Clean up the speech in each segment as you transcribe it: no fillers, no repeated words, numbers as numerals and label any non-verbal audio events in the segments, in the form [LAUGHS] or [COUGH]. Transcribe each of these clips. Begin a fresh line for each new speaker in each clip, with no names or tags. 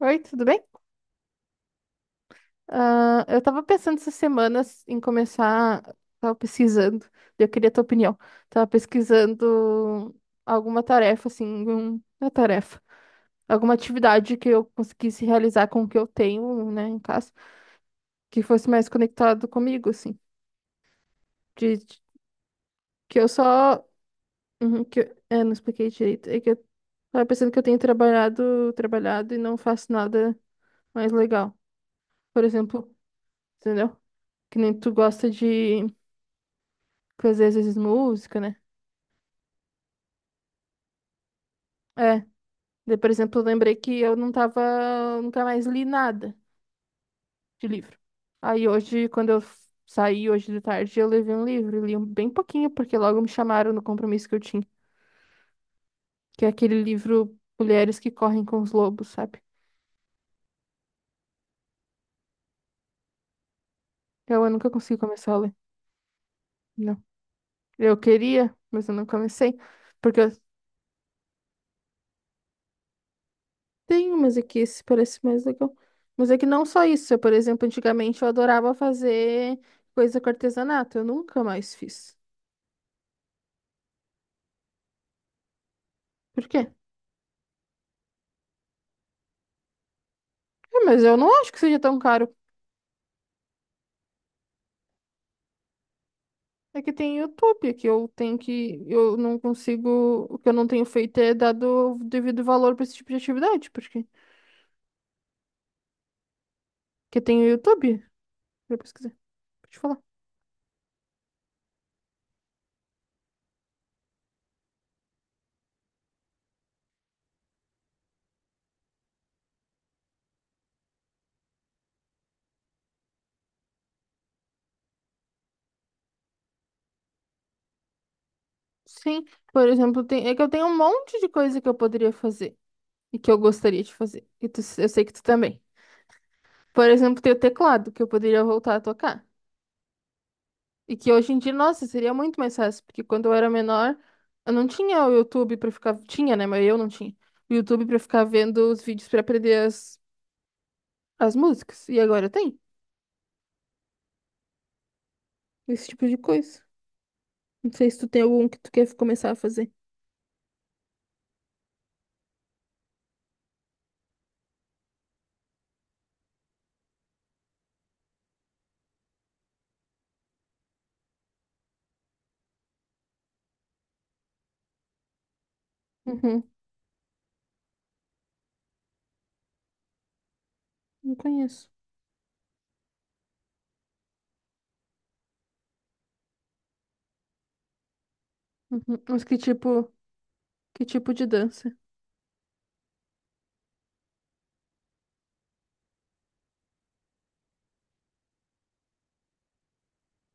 Oi, tudo bem? Ah, eu tava pensando essas semanas em começar, tava pesquisando, eu queria tua opinião. Tava pesquisando alguma tarefa, assim, uma tarefa, alguma atividade que eu conseguisse realizar com o que eu tenho, né, em casa, que fosse mais conectado comigo, assim, de, de- que eu só, uhum, não expliquei direito, é que eu tava pensando que eu tenho trabalhado, trabalhado e não faço nada mais legal. Por exemplo, entendeu? Que nem tu gosta de fazer às vezes música, né? É. Daí, por exemplo, eu lembrei que eu não tava, nunca mais li nada de livro. Aí hoje, quando eu saí hoje de tarde, eu levei um livro, li bem pouquinho, porque logo me chamaram no compromisso que eu tinha, que é aquele livro Mulheres que Correm com os Lobos, sabe? Eu nunca consegui começar a ler. Não. Eu queria, mas eu não comecei, porque eu tenho, mas é que esse parece mais legal. Mas é que não só isso, eu, por exemplo, antigamente eu adorava fazer coisa com artesanato, eu nunca mais fiz. Por quê? É, mas eu não acho que seja tão caro. É que tem YouTube, que eu tenho que. Eu não consigo. O que eu não tenho feito é dado o devido valor para esse tipo de atividade. Porque tem o YouTube. Pra pesquisar. Pra te falar. Sim, por exemplo, tem, é que eu tenho um monte de coisa que eu poderia fazer e que eu gostaria de fazer. E tu, eu sei que tu também. Por exemplo, tem o teclado, que eu poderia voltar a tocar. E que hoje em dia, nossa, seria muito mais fácil, porque quando eu era menor, eu não tinha o YouTube pra ficar. Tinha, né? Mas eu não tinha. O YouTube pra ficar vendo os vídeos pra aprender as músicas. E agora tem esse tipo de coisa. Não sei se tu tem algum que tu quer começar a fazer. Uhum, não conheço. Uhum. Que tipo de dança?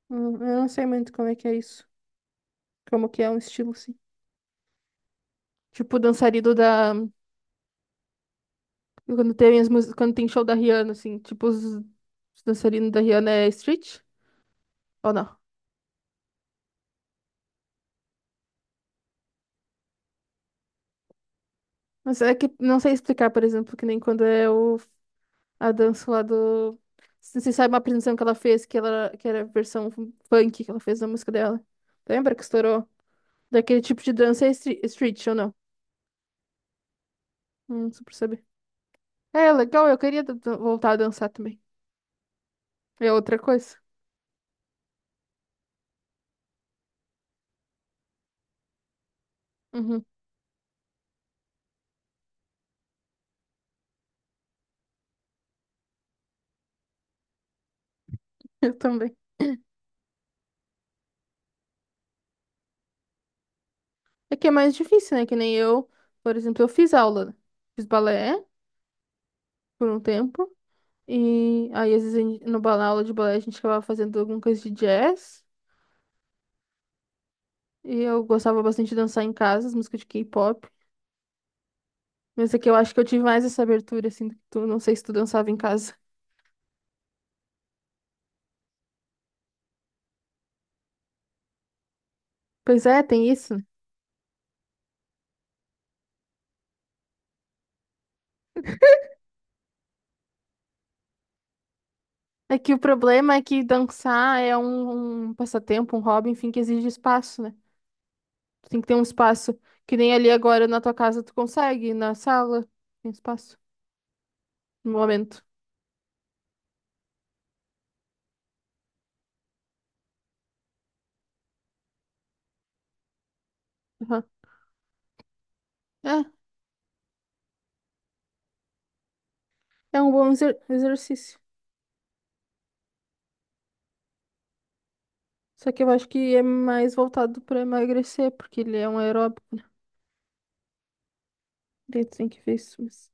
Eu não sei muito como é que é isso. Como que é um estilo, assim. Tipo dançarino da. Quando tem as músicas, quando tem show da Rihanna, assim, tipo os dançarinos da Rihanna é street? Ou não? Mas é que não sei explicar, por exemplo, que nem a dança lá do. Você sabe uma apresentação que ela fez, que era a versão funk que ela fez da música dela. Lembra que estourou? Daquele tipo de dança é street, ou não? Não sei por saber. É, legal, eu queria voltar a dançar também. É outra coisa. Uhum, [LAUGHS] eu também. É que é mais difícil, né? Que nem eu, por exemplo, eu fiz aula, né? Fiz balé por um tempo. E aí, às vezes, no balé, aula de balé, a gente acabava fazendo alguma coisa de jazz. E eu gostava bastante de dançar em casa, as músicas de K-pop. Mas é que eu acho que eu tive mais essa abertura, assim, do que tu. Não sei se tu dançava em casa. [LAUGHS] Pois é, tem isso, né? É que o problema é que dançar é um passatempo, um hobby, enfim, que exige espaço, né? Tu tem que ter um espaço que nem ali agora na tua casa tu consegue, na sala tem espaço, no momento. Aham. É, é um bom exercício. Só que eu acho que é mais voltado pra emagrecer, porque ele é um aeróbico. Daí tu tem que ver isso, mas...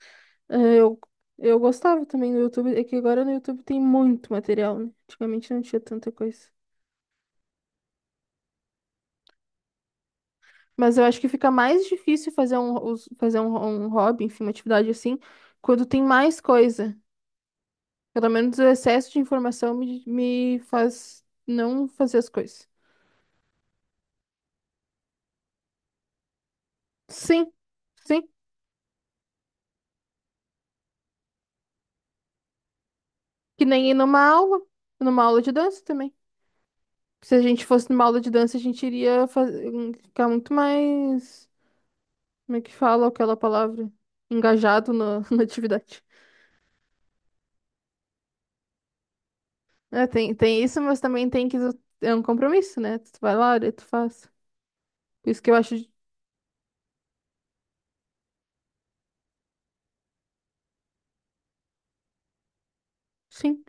É, eu gostava também do YouTube, é que agora no YouTube tem muito material, né? Antigamente não tinha tanta coisa. Mas eu acho que fica mais difícil fazer um hobby, enfim, uma atividade assim, quando tem mais coisa. Pelo menos o excesso de informação me faz não fazer as coisas. Sim, sim. Que nem ir numa aula de dança também. Se a gente fosse numa aula de dança, a gente iria ficar muito mais, como é que fala aquela palavra? Engajado na [LAUGHS] na atividade. É, tem, tem isso, mas também tem que. É um compromisso, né? Tu vai lá, daí tu faz. Por isso que eu acho. Sim.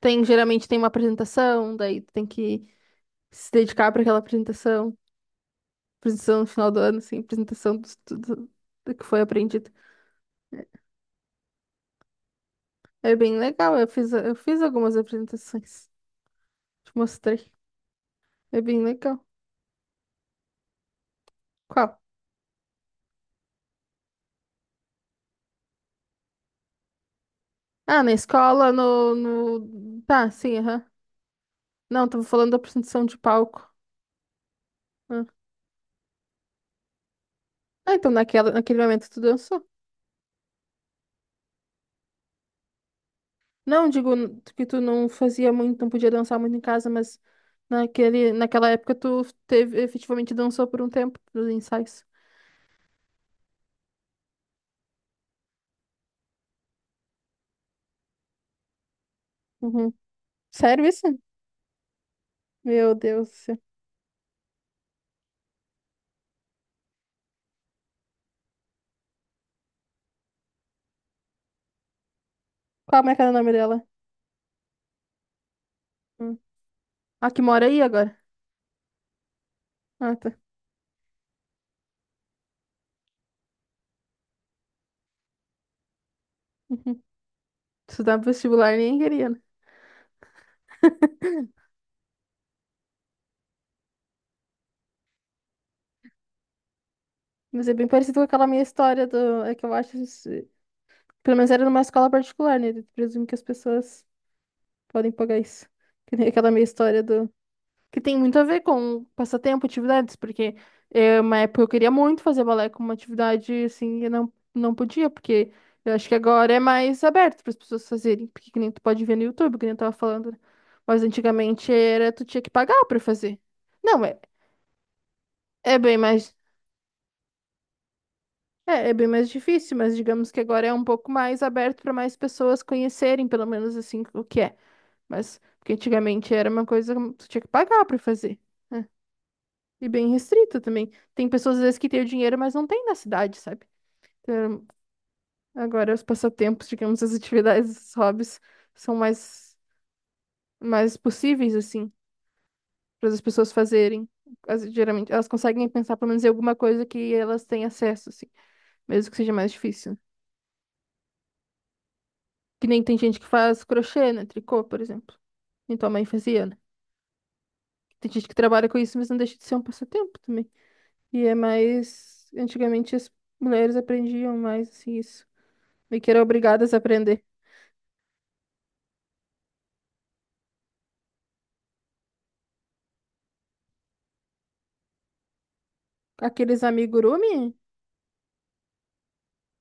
Tem, geralmente tem uma apresentação, daí tu tem que se dedicar para aquela apresentação. Apresentação no final do ano, assim apresentação do que foi aprendido. É é, bem legal, eu fiz algumas apresentações. Te mostrei. É bem legal. Qual? Ah, na escola, no, no... Tá, sim, aham. Não, tava falando da apresentação de palco. Ah, Ah, então naquela, naquele momento tu dançou. Não, digo que tu não fazia muito, não podia dançar muito em casa, mas naquele, naquela época tu teve, efetivamente dançou por um tempo nos ensaios. Uhum. Sério isso? Meu Deus do céu. Qual é que era o nome dela? Hum. A que mora aí agora? Ah, tá. Uhum. Estudar pro vestibular nem queria, né? Mas é bem parecido com aquela minha história do... É que eu acho... isso- Pelo menos era numa escola particular, né? Eu presumo que as pessoas podem pagar isso. Que nem aquela minha história do... que tem muito a ver com passatempo, atividades, porque é uma época eu queria muito fazer balé como uma atividade, assim, eu não, não podia, porque eu acho que agora é mais aberto para as pessoas fazerem, porque que nem tu pode ver no YouTube, que nem eu tava falando, né? Mas antigamente era, tu tinha que pagar para fazer. Não, é bem mais, é bem mais difícil, mas digamos que agora é um pouco mais aberto para mais pessoas conhecerem, pelo menos assim, o que é. Mas, porque antigamente era uma coisa que tu tinha que pagar para fazer, né? E bem restrita também. Tem pessoas, às vezes, que têm o dinheiro, mas não tem na cidade, sabe? Então, agora, os passatempos, digamos, as atividades, os hobbies, são mais, mais possíveis, assim, para as pessoas fazerem. Geralmente, elas conseguem pensar, pelo menos, em alguma coisa que elas têm acesso, assim, mesmo que seja mais difícil. Que nem tem gente que faz crochê, né? Tricô, por exemplo. E tua mãe fazia, né? Tem gente que trabalha com isso, mas não deixa de ser um passatempo também. E é mais... Antigamente, as mulheres aprendiam mais, assim, isso. Meio que eram obrigadas a aprender. Aqueles amigurumi?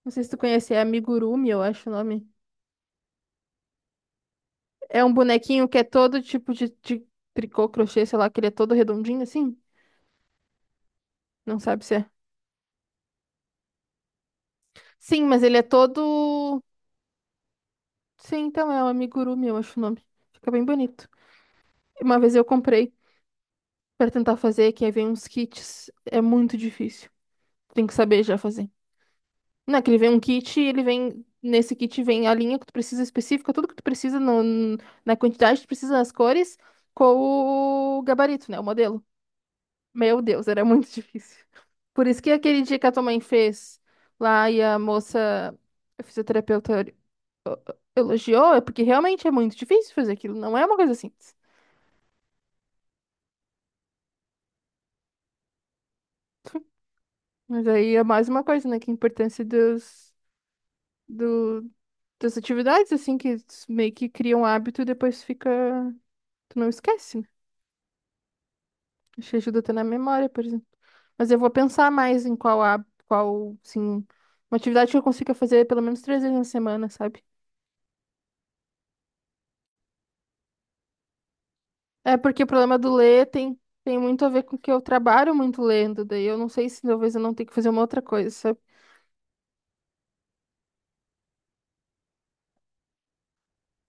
Não sei se tu conhece, é amigurumi, eu acho o nome. É um bonequinho que é todo tipo de tricô, crochê, sei lá, que ele é todo redondinho assim? Não sabe se é. Sim, mas ele é todo. Sim, então é o amigurumi, eu acho o nome. Fica bem bonito. Uma vez eu comprei pra tentar fazer, que aí vem uns kits. É muito difícil. Tem que saber já fazer. Não, que ele vem um kit, ele vem. Nesse kit vem a linha que tu precisa específica, tudo que tu precisa no, na quantidade que tu precisa nas cores, com o gabarito, né? O modelo. Meu Deus, era muito [LAUGHS] difícil. Por isso que aquele dia que a tua mãe fez lá e a moça, a fisioterapeuta, elogiou, é porque realmente é muito difícil fazer aquilo, não é uma coisa simples. Mas aí é mais uma coisa, né? Que a importância do, das atividades, assim, que meio que criam hábito e depois fica. Tu não esquece, né? Te ajuda até na memória, por exemplo. Mas eu vou pensar mais em sim, uma atividade que eu consiga fazer pelo menos 3 vezes na semana, sabe? É porque o problema do ler tem muito a ver com que eu trabalho muito lendo, daí eu não sei se talvez eu não tenha que fazer uma outra coisa, sabe?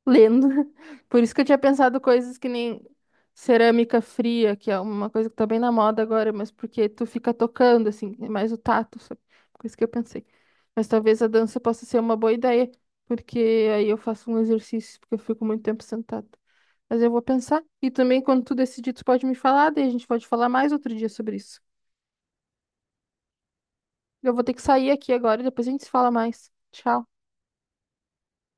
Lendo. [LAUGHS] Por isso que eu tinha pensado coisas que nem cerâmica fria, que é uma coisa que tá bem na moda agora, mas porque tu fica tocando, assim, é mais o tato, sabe? Coisa que eu pensei. Mas talvez a dança possa ser uma boa ideia, porque aí eu faço um exercício, porque eu fico muito tempo sentada. Mas eu vou pensar. E também, quando tu decidir, tu pode me falar, daí a gente pode falar mais outro dia sobre isso. Eu vou ter que sair aqui agora, e depois a gente se fala mais. Tchau.